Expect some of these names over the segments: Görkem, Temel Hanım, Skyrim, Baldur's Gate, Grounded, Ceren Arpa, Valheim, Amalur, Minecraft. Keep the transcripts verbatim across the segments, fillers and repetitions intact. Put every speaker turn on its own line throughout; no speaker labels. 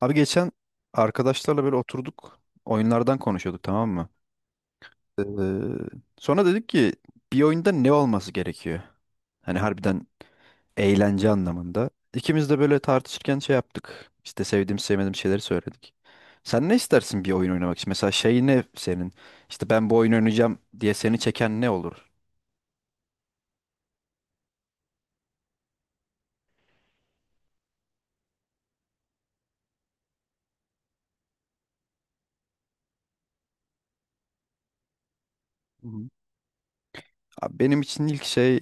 Abi geçen arkadaşlarla böyle oturduk. Oyunlardan konuşuyorduk, tamam mı? Ee, Sonra dedik ki bir oyunda ne olması gerekiyor? Hani harbiden eğlence anlamında. İkimiz de böyle tartışırken şey yaptık. İşte sevdiğim sevmediğim şeyleri söyledik. Sen ne istersin bir oyun oynamak için? Mesela şey ne senin? İşte ben bu oyun oynayacağım diye seni çeken ne olur? Hı hı. Abi benim için ilk şey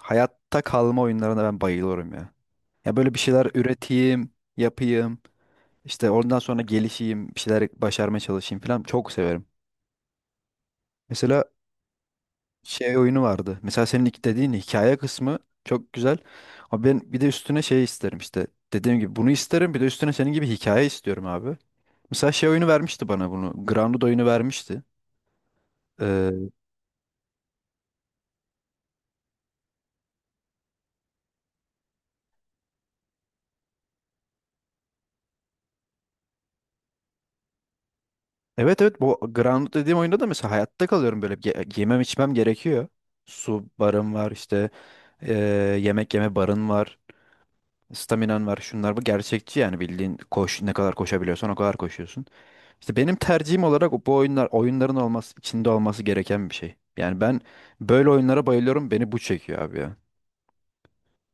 hayatta kalma oyunlarına ben bayılıyorum ya. Ya böyle bir şeyler üreteyim, yapayım, işte ondan sonra gelişeyim, bir şeyler başarmaya çalışayım falan çok severim. Mesela şey oyunu vardı. Mesela senin ilk dediğin hikaye kısmı çok güzel. Ama ben bir de üstüne şey isterim işte. Dediğim gibi bunu isterim, bir de üstüne senin gibi hikaye istiyorum abi. Mesela şey oyunu vermişti bana bunu. Grounded oyunu vermişti. Ee, Evet, evet, bu Grounded dediğim oyunda da mesela hayatta kalıyorum, böyle Ge- yemem içmem gerekiyor. Su barın var işte, eee, yemek yeme barın var. Staminan var, şunlar, bu gerçekçi. Yani bildiğin koş, ne kadar koşabiliyorsan o kadar koşuyorsun. İşte benim tercihim olarak bu oyunlar oyunların olması içinde olması gereken bir şey. Yani ben böyle oyunlara bayılıyorum, beni bu çekiyor abi ya.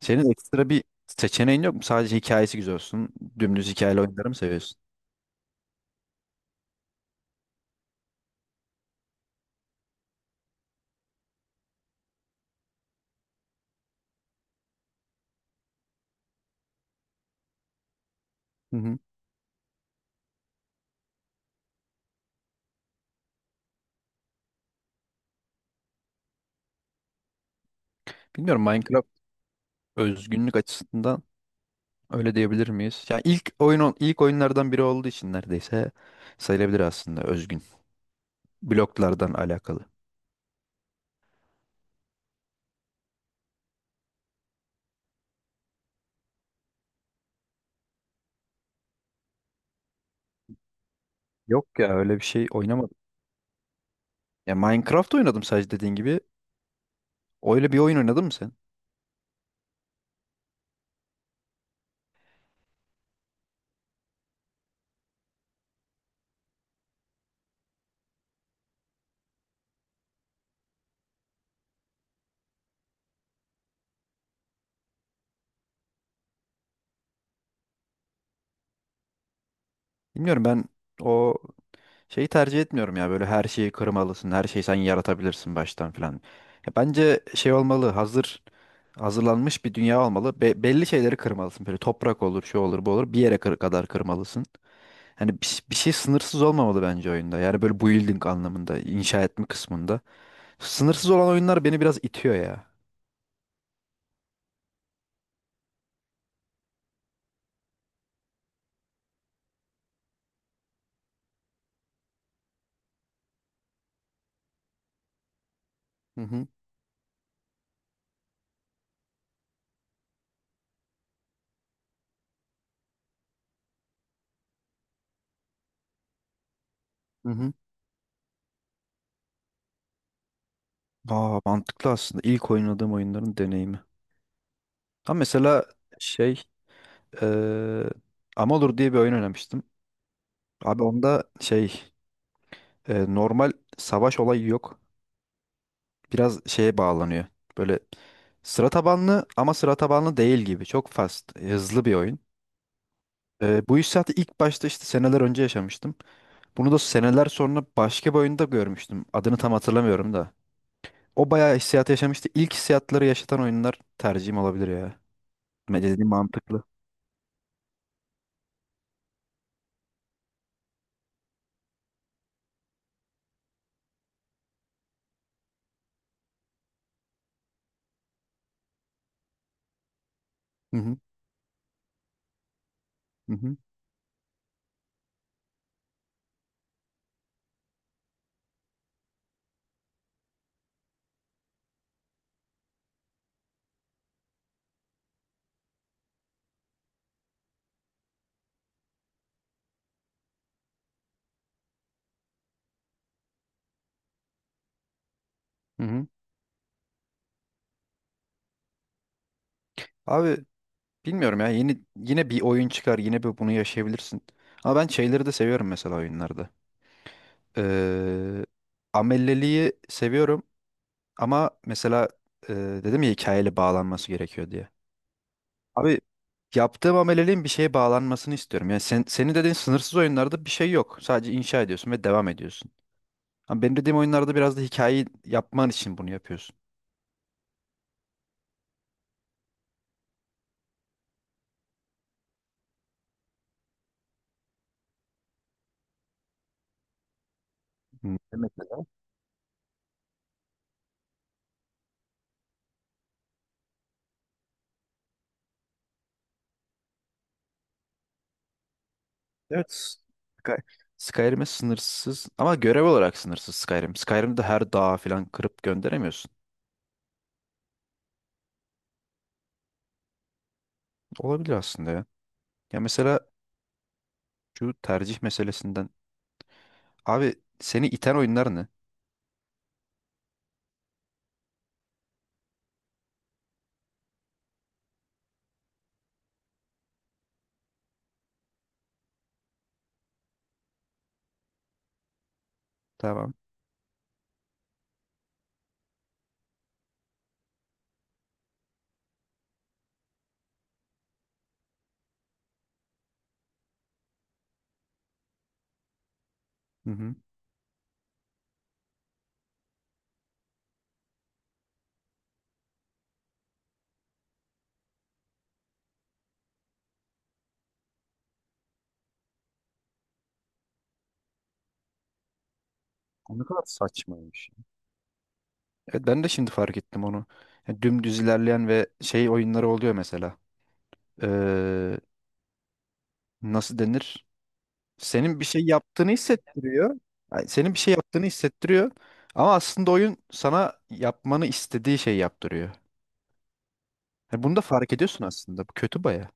Senin ekstra bir seçeneğin yok mu? Sadece hikayesi güzel olsun. Dümdüz hikayeli oyunları mı seviyorsun? Hı hı. Bilmiyorum, Minecraft özgünlük açısından öyle diyebilir miyiz? Yani ilk oyun, ilk oyunlardan biri olduğu için neredeyse sayılabilir aslında özgün. Bloklardan alakalı. Yok ya, öyle bir şey oynamadım. Ya Minecraft oynadım sadece dediğin gibi. Öyle bir oyun oynadın mı sen? Bilmiyorum, ben o şeyi tercih etmiyorum ya, böyle her şeyi kırmalısın, her şeyi sen yaratabilirsin baştan filan. Ya bence şey olmalı, hazır hazırlanmış bir dünya olmalı. Be- belli şeyleri kırmalısın, böyle toprak olur, şu olur, bu olur. Bir yere kır- kadar kırmalısın. Yani bir, bir şey sınırsız olmamalı bence oyunda. Yani böyle building anlamında, inşa etme kısmında. Sınırsız olan oyunlar beni biraz itiyor ya. Hı hı, hı hı. Aa, mantıklı aslında. İlk oynadığım oyunların deneyimi. Ha mesela şey, eee Amalur diye bir oyun oynamıştım. Abi onda şey, eee, normal savaş olayı yok. Biraz şeye bağlanıyor. Böyle sıra tabanlı ama sıra tabanlı değil gibi. Çok fast, hızlı bir oyun. Eee, bu hissiyatı ilk başta işte seneler önce yaşamıştım. Bunu da seneler sonra başka bir oyunda görmüştüm. Adını tam hatırlamıyorum da. O bayağı hissiyat yaşamıştı. İlk hissiyatları yaşatan oyunlar tercihim olabilir ya. Me- Dediğin mantıklı. Hı hı, hı hı, hı hı. Abi bilmiyorum ya. Yeni, yine bir oyun çıkar. Yine bir bunu yaşayabilirsin. Ama ben şeyleri de seviyorum mesela oyunlarda. Ee, Amelliliği seviyorum. Ama mesela e, dedim ya hikayeli bağlanması gerekiyor diye. Abi yaptığım ameliliğin bir şeye bağlanmasını istiyorum. Yani sen, senin dediğin sınırsız oyunlarda bir şey yok. Sadece inşa ediyorsun ve devam ediyorsun. Ama benim dediğim oyunlarda biraz da hikayeyi yapman için bunu yapıyorsun. Hmm. Demek ki... Evet. Sky- Skyrim'e sınırsız ama görev olarak sınırsız Skyrim. Skyrim'de her dağı falan kırıp gönderemiyorsun. Olabilir aslında ya. Ya mesela şu tercih meselesinden. Abi seni iten oyunlar ne? Tamam. Hı hı. O ne kadar saçmaymış. Evet, ben de şimdi fark ettim onu. Yani dümdüz ilerleyen ve şey oyunları oluyor mesela. Ee, Nasıl denir? Senin bir şey yaptığını hissettiriyor. Yani senin bir şey yaptığını hissettiriyor. Ama aslında oyun sana yapmanı istediği şeyi yaptırıyor. Yani bunu da fark ediyorsun aslında. Bu kötü baya.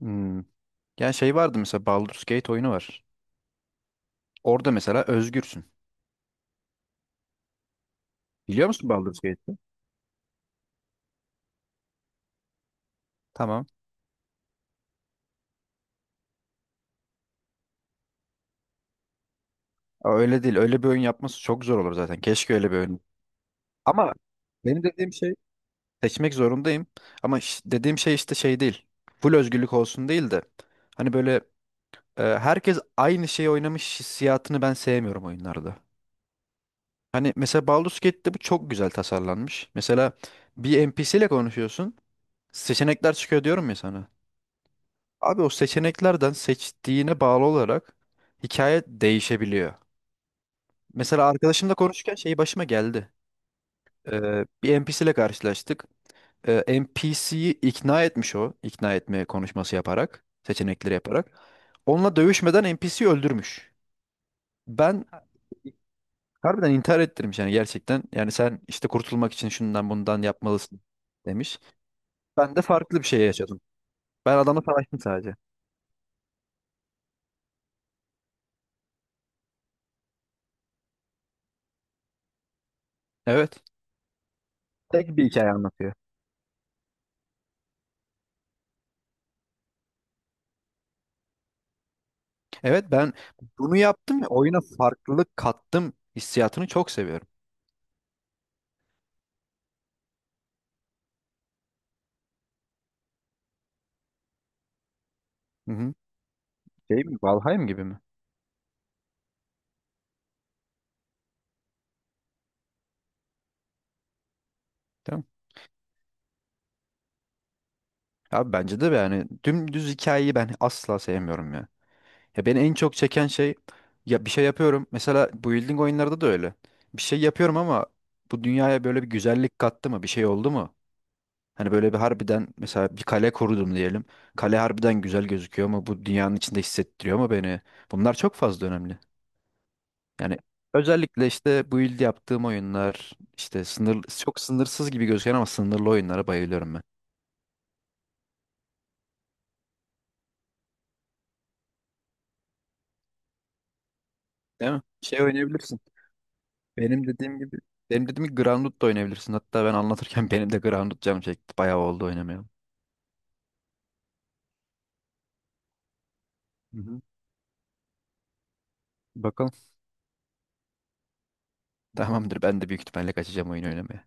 Hmm. Yani şey vardı, mesela Baldur's Gate oyunu var. Orada mesela özgürsün. Biliyor musun Baldur's Gate'i? Tamam. Aa, öyle değil. Öyle bir oyun yapması çok zor olur zaten. Keşke öyle bir oyun. Ama benim dediğim şey seçmek zorundayım. Ama iş- dediğim şey işte şey değil. Full özgürlük olsun değil de. Hani böyle e, herkes aynı şeyi oynamış hissiyatını ben sevmiyorum oyunlarda. Hani mesela Baldur's Gate'de bu çok güzel tasarlanmış. Mesela bir N P C ile konuşuyorsun. Seçenekler çıkıyor diyorum ya sana. Abi o seçeneklerden seçtiğine bağlı olarak hikaye değişebiliyor. Mesela arkadaşımla konuşurken şey başıma geldi. Ee, bir N P C ile karşılaştık. e, N P C'yi ikna etmiş o. İkna etme konuşması yaparak, seçenekleri yaparak. Onunla dövüşmeden N P C'yi öldürmüş. Ben harbiden intihar ettirmiş yani gerçekten. Yani sen işte kurtulmak için şundan bundan yapmalısın demiş. Ben de farklı bir şey yaşadım. Ben adamla savaştım sadece. Evet. Tek bir hikaye anlatıyor. Evet, ben bunu yaptım ve oyuna farklılık kattım hissiyatını çok seviyorum. Hı hı. Şey mi? Valheim gibi mi? Tamam. Abi bence de yani dümdüz hikayeyi ben asla sevmiyorum ya. Ya beni en çok çeken şey, ya bir şey yapıyorum. Mesela building oyunlarda da öyle. Bir şey yapıyorum ama bu dünyaya böyle bir güzellik kattı mı? Bir şey oldu mu? Hani böyle bir harbiden mesela bir kale korudum diyelim. Kale harbiden güzel gözüküyor ama bu dünyanın içinde hissettiriyor mu beni? Bunlar çok fazla önemli. Yani özellikle işte build yaptığım oyunlar, işte sınır çok sınırsız gibi gözüken ama sınırlı oyunlara bayılıyorum ben. Değil mi? Şey oynayabilirsin. Benim dediğim gibi, benim dediğim gibi Grounded da oynayabilirsin. Hatta ben anlatırken benim de Grounded canım çekti. Bayağı oldu oynamaya. Hı hı. Bakalım. Tamamdır. Ben de büyük ihtimalle kaçacağım oyun oynamaya.